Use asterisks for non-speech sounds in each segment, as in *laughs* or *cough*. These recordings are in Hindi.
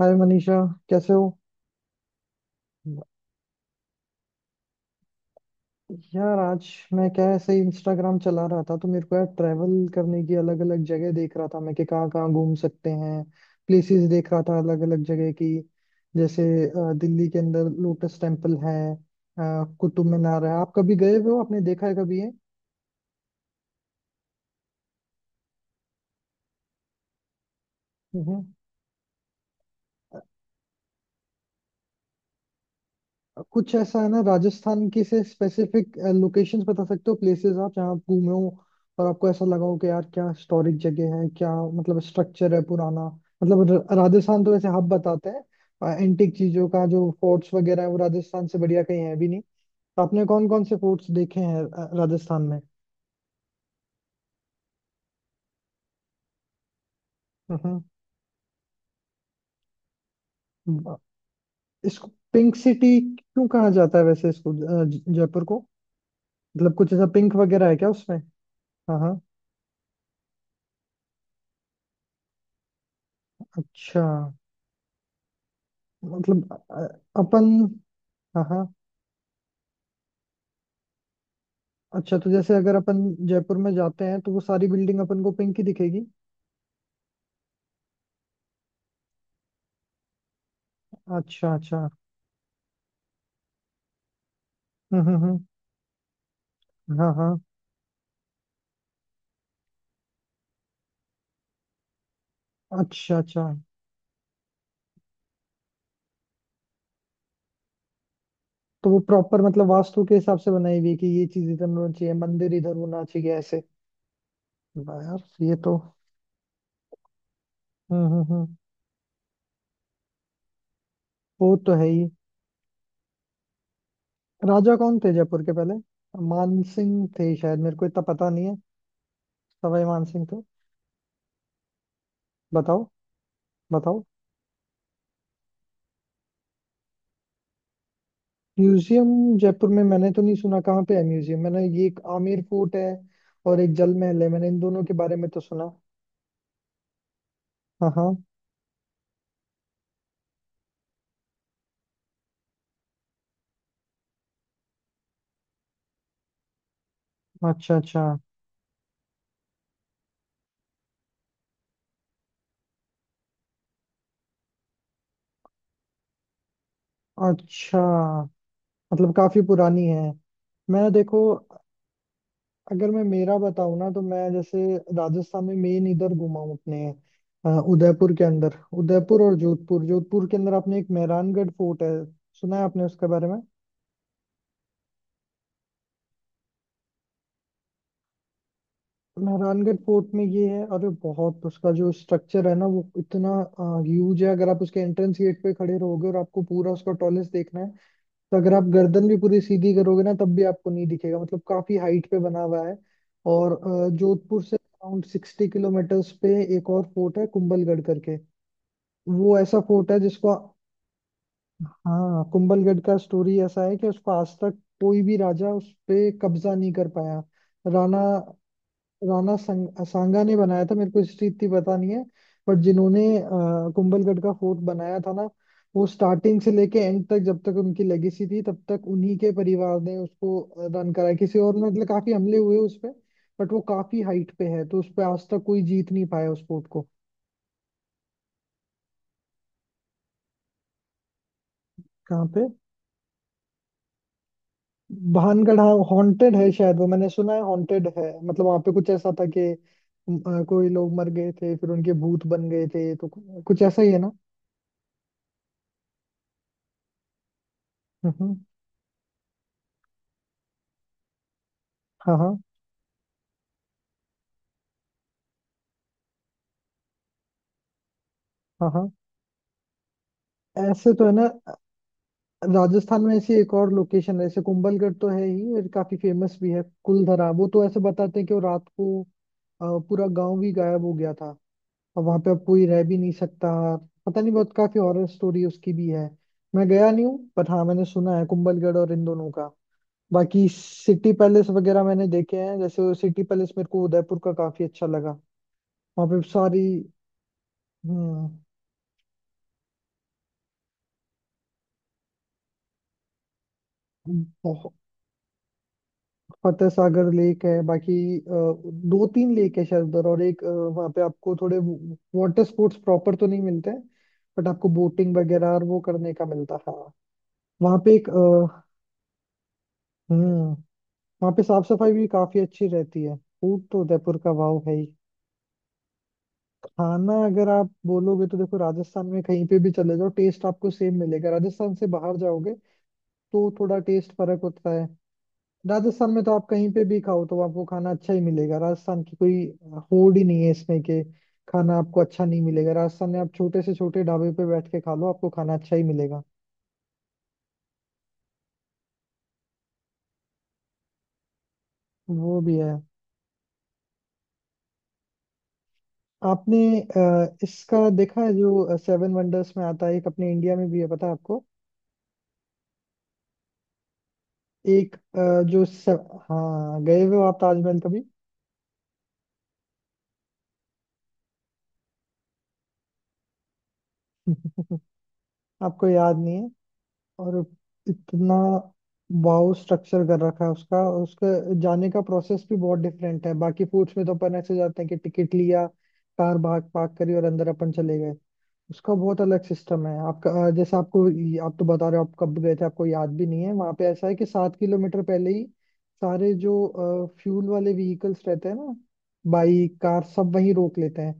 हाय मनीषा। कैसे हो? यार, आज मैं क्या है, ऐसे इंस्टाग्राम चला रहा था तो मेरे को, यार, ट्रैवल करने की अलग अलग जगह देख रहा था, मैं कि कहाँ कहाँ घूम सकते हैं। प्लेसेस देख रहा था अलग अलग जगह की। जैसे दिल्ली के अंदर लोटस टेम्पल है, कुतुब मीनार है। आप कभी गए हुए हो? आपने देखा है कभी ये? हम्म। कुछ ऐसा है ना राजस्थान की से स्पेसिफिक लोकेशंस बता सकते हो, प्लेसेस आप जहाँ आप घूमे हो, और आपको ऐसा लगा हो कि यार क्या हिस्टोरिक जगह है, क्या मतलब स्ट्रक्चर है पुराना। मतलब राजस्थान तो वैसे हब बताते हैं एंटिक चीजों का, जो फोर्ट्स वगैरह है वो राजस्थान से बढ़िया कहीं है भी नहीं। तो आपने कौन कौन से फोर्ट्स देखे हैं राजस्थान में? हम्म। ब- इसको पिंक सिटी क्यों कहा जाता है वैसे इसको, जयपुर को? मतलब कुछ ऐसा पिंक वगैरह है क्या उसमें? हाँ हाँ। अच्छा। मतलब अपन, हाँ हाँ। अच्छा, तो जैसे अगर अपन जयपुर में जाते हैं तो वो सारी बिल्डिंग अपन को पिंक ही दिखेगी? अच्छा अच्छा। हम्म हम्म हम्म, हाँ हाँ। अच्छा अच्छा। तो वो प्रॉपर मतलब वास्तु के हिसाब से बनाई हुई है कि ये चीज इधर होना चाहिए, मंदिर इधर होना चाहिए, ऐसे? वाह यार! ये तो... हम्म। वो तो है ही। राजा कौन थे जयपुर के पहले? मान सिंह थे शायद, मेरे को इतना पता नहीं है। सवाई मान सिंह थे। बताओ, बताओ। म्यूजियम? जयपुर में? मैंने तो नहीं सुना, कहाँ पे है म्यूजियम? मैंने ये एक आमेर फोर्ट है और एक जल महल है, मैंने इन दोनों के बारे में तो सुना। हाँ हाँ। अच्छा अच्छा। अच्छा मतलब काफी पुरानी है। मैं देखो, अगर मैं मेरा बताऊँ ना तो मैं जैसे राजस्थान में मेन इधर घूमा हूँ अपने, उदयपुर के अंदर, उदयपुर और जोधपुर। जोधपुर के अंदर आपने एक मेहरानगढ़ फोर्ट है, सुना है आपने उसके बारे में? मेहरानगढ़ फोर्ट में ये है, अरे बहुत उसका जो स्ट्रक्चर है ना, वो इतना ह्यूज है। अगर आप उसके एंट्रेंस गेट पे खड़े रहोगे और आपको पूरा उसका टॉलेस देखना है, तो अगर आप गर्दन भी पूरी सीधी करोगे ना तब भी आपको नहीं दिखेगा, मतलब काफी हाइट पे बना हुआ है। और जोधपुर से अराउंड 60 किलोमीटर्स पे एक और फोर्ट है कुंभलगढ़ करके। वो ऐसा फोर्ट है जिसको... हाँ, कुंभलगढ़ का स्टोरी ऐसा है कि उसको आज तक कोई भी राजा उस पे कब्जा नहीं कर पाया। राणा राणा संग, सांगा ने बनाया था, मेरे को हिस्ट्री इतनी पता नहीं है। बट जिन्होंने कुंभलगढ़ का फोर्ट बनाया था ना, वो स्टार्टिंग से लेके एंड तक जब तक उनकी लेगेसी थी तब तक उन्हीं के परिवार ने उसको रन कराया, किसी और ने... मतलब काफी हमले हुए उस पे, बट वो काफी हाइट पे है तो उस पे आज तक कोई जीत नहीं पाया उस फोर्ट को। कहाँ पे? भानगढ़? हाँ, हॉन्टेड है शायद वो, मैंने सुना है हॉन्टेड है। मतलब वहां पे कुछ ऐसा था कि कोई लोग मर गए थे फिर उनके भूत बन गए थे, तो कुछ ऐसा ही है ना? हम्म, हाँ हाँ हाँ। हाँ ऐसे तो है ना। राजस्थान में ऐसी एक और लोकेशन है, ऐसे कुंभलगढ़ तो है ही और काफी फेमस भी है, कुलधरा। वो तो ऐसे बताते हैं कि वो रात को पूरा गांव भी गायब हो गया था, और वहां पे अब कोई रह भी नहीं सकता। पता नहीं, बहुत काफी हॉरर स्टोरी उसकी भी है, मैं गया नहीं हूँ, बट हाँ मैंने सुना है कुंभलगढ़ और इन दोनों का। बाकी सिटी पैलेस वगैरह मैंने देखे हैं, जैसे सिटी पैलेस मेरे को उदयपुर का काफी अच्छा लगा। वहाँ पे सारी... हम्म। फतेह सागर लेक है, बाकी 2 3 लेक है शायद उधर, और एक वहां पे आपको थोड़े वाटर स्पोर्ट्स प्रॉपर तो नहीं मिलते हैं, बट आपको बोटिंग वगैरह और वो करने का मिलता है, हाँ। वहाँ पे एक हम्म। वहाँ पे साफ सफाई भी काफी अच्छी रहती है, फूड तो उदयपुर का वाव है ही। खाना? अगर आप बोलोगे तो देखो, राजस्थान में कहीं पे भी चले जाओ टेस्ट आपको सेम मिलेगा, राजस्थान से बाहर जाओगे तो थोड़ा टेस्ट फर्क होता है। राजस्थान में तो आप कहीं पे भी खाओ तो आपको खाना अच्छा ही मिलेगा, राजस्थान की कोई होड़ ही नहीं है इसमें कि खाना आपको अच्छा नहीं मिलेगा। राजस्थान में आप छोटे से छोटे ढाबे पे बैठ के खा लो, आपको खाना अच्छा ही मिलेगा। वो भी है। आपने इसका देखा है जो सेवन वंडर्स में आता है, एक अपने इंडिया में भी है, पता है आपको? एक हाँ, गए हुए हो आप ताजमहल कभी? *laughs* आपको याद नहीं है? और इतना वाओ स्ट्रक्चर कर रखा है उसका, और उसके जाने का प्रोसेस भी बहुत डिफरेंट है। बाकी फूड्स में तो अपन ऐसे जाते हैं कि टिकट लिया, कार भाग पार्क करी और अंदर अपन चले गए। उसका बहुत अलग सिस्टम है आपका, जैसे आपको... आप तो बता रहे हो आप कब गए थे, आपको याद भी नहीं है। वहां पे ऐसा है कि 7 किलोमीटर पहले ही सारे जो फ्यूल वाले व्हीकल्स रहते हैं ना, बाइक कार सब वहीं रोक लेते हैं।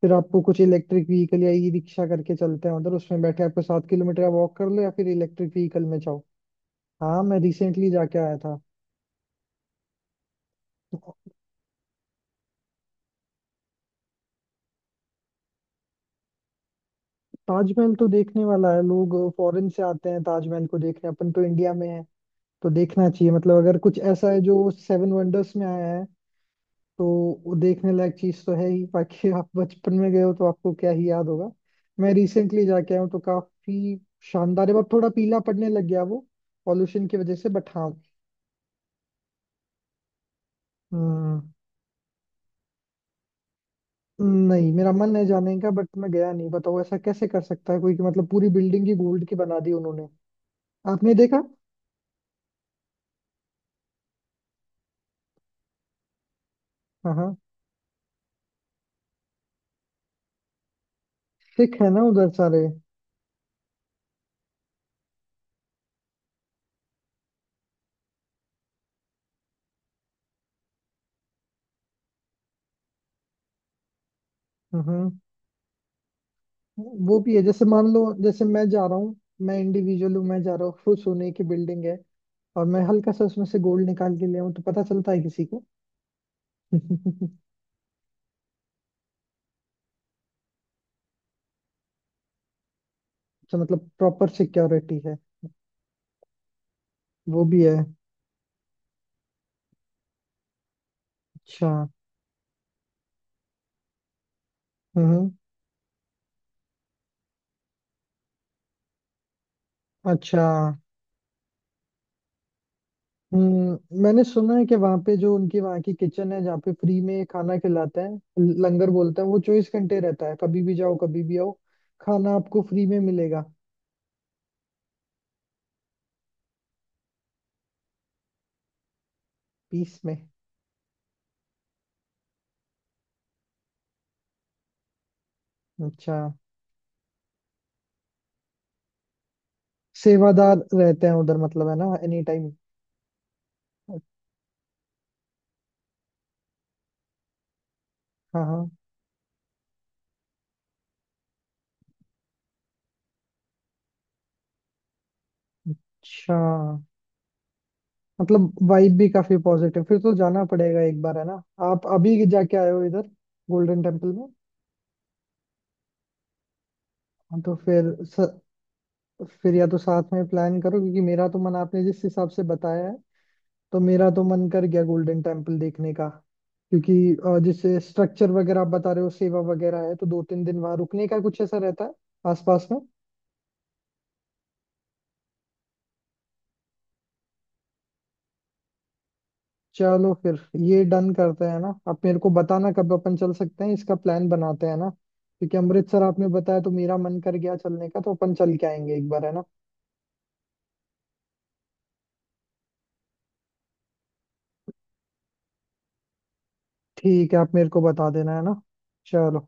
फिर आपको कुछ इलेक्ट्रिक व्हीकल या ई रिक्शा करके चलते हैं उधर, उसमें बैठे आपको 7 किलोमीटर वॉक कर लो या फिर इलेक्ट्रिक व्हीकल में जाओ। हाँ, मैं रिसेंटली जाके आया था। ताजमहल तो देखने वाला है, लोग फॉरेन से आते हैं ताजमहल को देखने, अपन तो इंडिया में है तो देखना चाहिए। मतलब अगर कुछ ऐसा है जो सेवन वंडर्स में आया है, तो वो देखने लायक चीज तो है ही। बाकी आप बचपन में गए हो तो आपको क्या ही याद होगा। मैं रिसेंटली जाके आया हूँ तो काफी शानदार है, बट थोड़ा पीला पड़ने लग गया वो पॉल्यूशन की वजह से, बट हाँ। हम्म, नहीं, मेरा मन है जाने का बट मैं गया नहीं। बताओ, ऐसा कैसे कर सकता है कोई कि मतलब पूरी बिल्डिंग ही गोल्ड की बना दी उन्होंने? आपने देखा? हाँ हाँ। सिख है ना उधर सारे? हम्म। वो भी है, जैसे मान लो, जैसे मैं जा रहा हूँ, मैं इंडिविजुअल हूँ, मैं जा रहा हूँ, फुल सोने की बिल्डिंग है और मैं हल्का सा उसमें से गोल्ड निकाल के ले आऊँ तो पता चलता है किसी को? *laughs* अच्छा। मतलब प्रॉपर सिक्योरिटी है। वो भी है। अच्छा। हम्म। अच्छा। हम्म, मैंने सुना है कि वहाँ पे जो उनकी वहाँ की किचन है जहाँ पे फ्री में खाना खिलाते हैं, लंगर बोलते हैं, वो 24 घंटे रहता है, कभी भी जाओ कभी भी आओ खाना आपको फ्री में मिलेगा। पीस में। अच्छा। सेवादार रहते हैं उधर मतलब, है ना, एनी टाइम? हाँ हाँ। अच्छा मतलब वाइब भी काफी पॉजिटिव, फिर तो जाना पड़ेगा एक बार, है ना। आप अभी जाके आए हो इधर? गोल्डन टेम्पल में? हाँ, तो फिर फिर या तो साथ में प्लान करो, क्योंकि मेरा तो मन... आपने जिस हिसाब से बताया है, तो मेरा तो मन कर गया गोल्डन टेम्पल देखने का। क्योंकि जैसे स्ट्रक्चर वगैरह आप बता रहे हो, सेवा वगैरह है, तो 2 3 दिन वहां रुकने का कुछ ऐसा रहता है आसपास में? चलो फिर। ये डन करते हैं ना, आप मेरे को बताना कब अपन चल सकते हैं, इसका प्लान बनाते हैं ना, क्योंकि अमृतसर आपने बताया तो मेरा मन कर गया चलने का, तो अपन चल के आएंगे एक बार, है ना। ठीक है, आप मेरे को बता देना, है ना। चलो।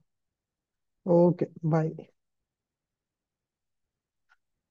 Okay, bye.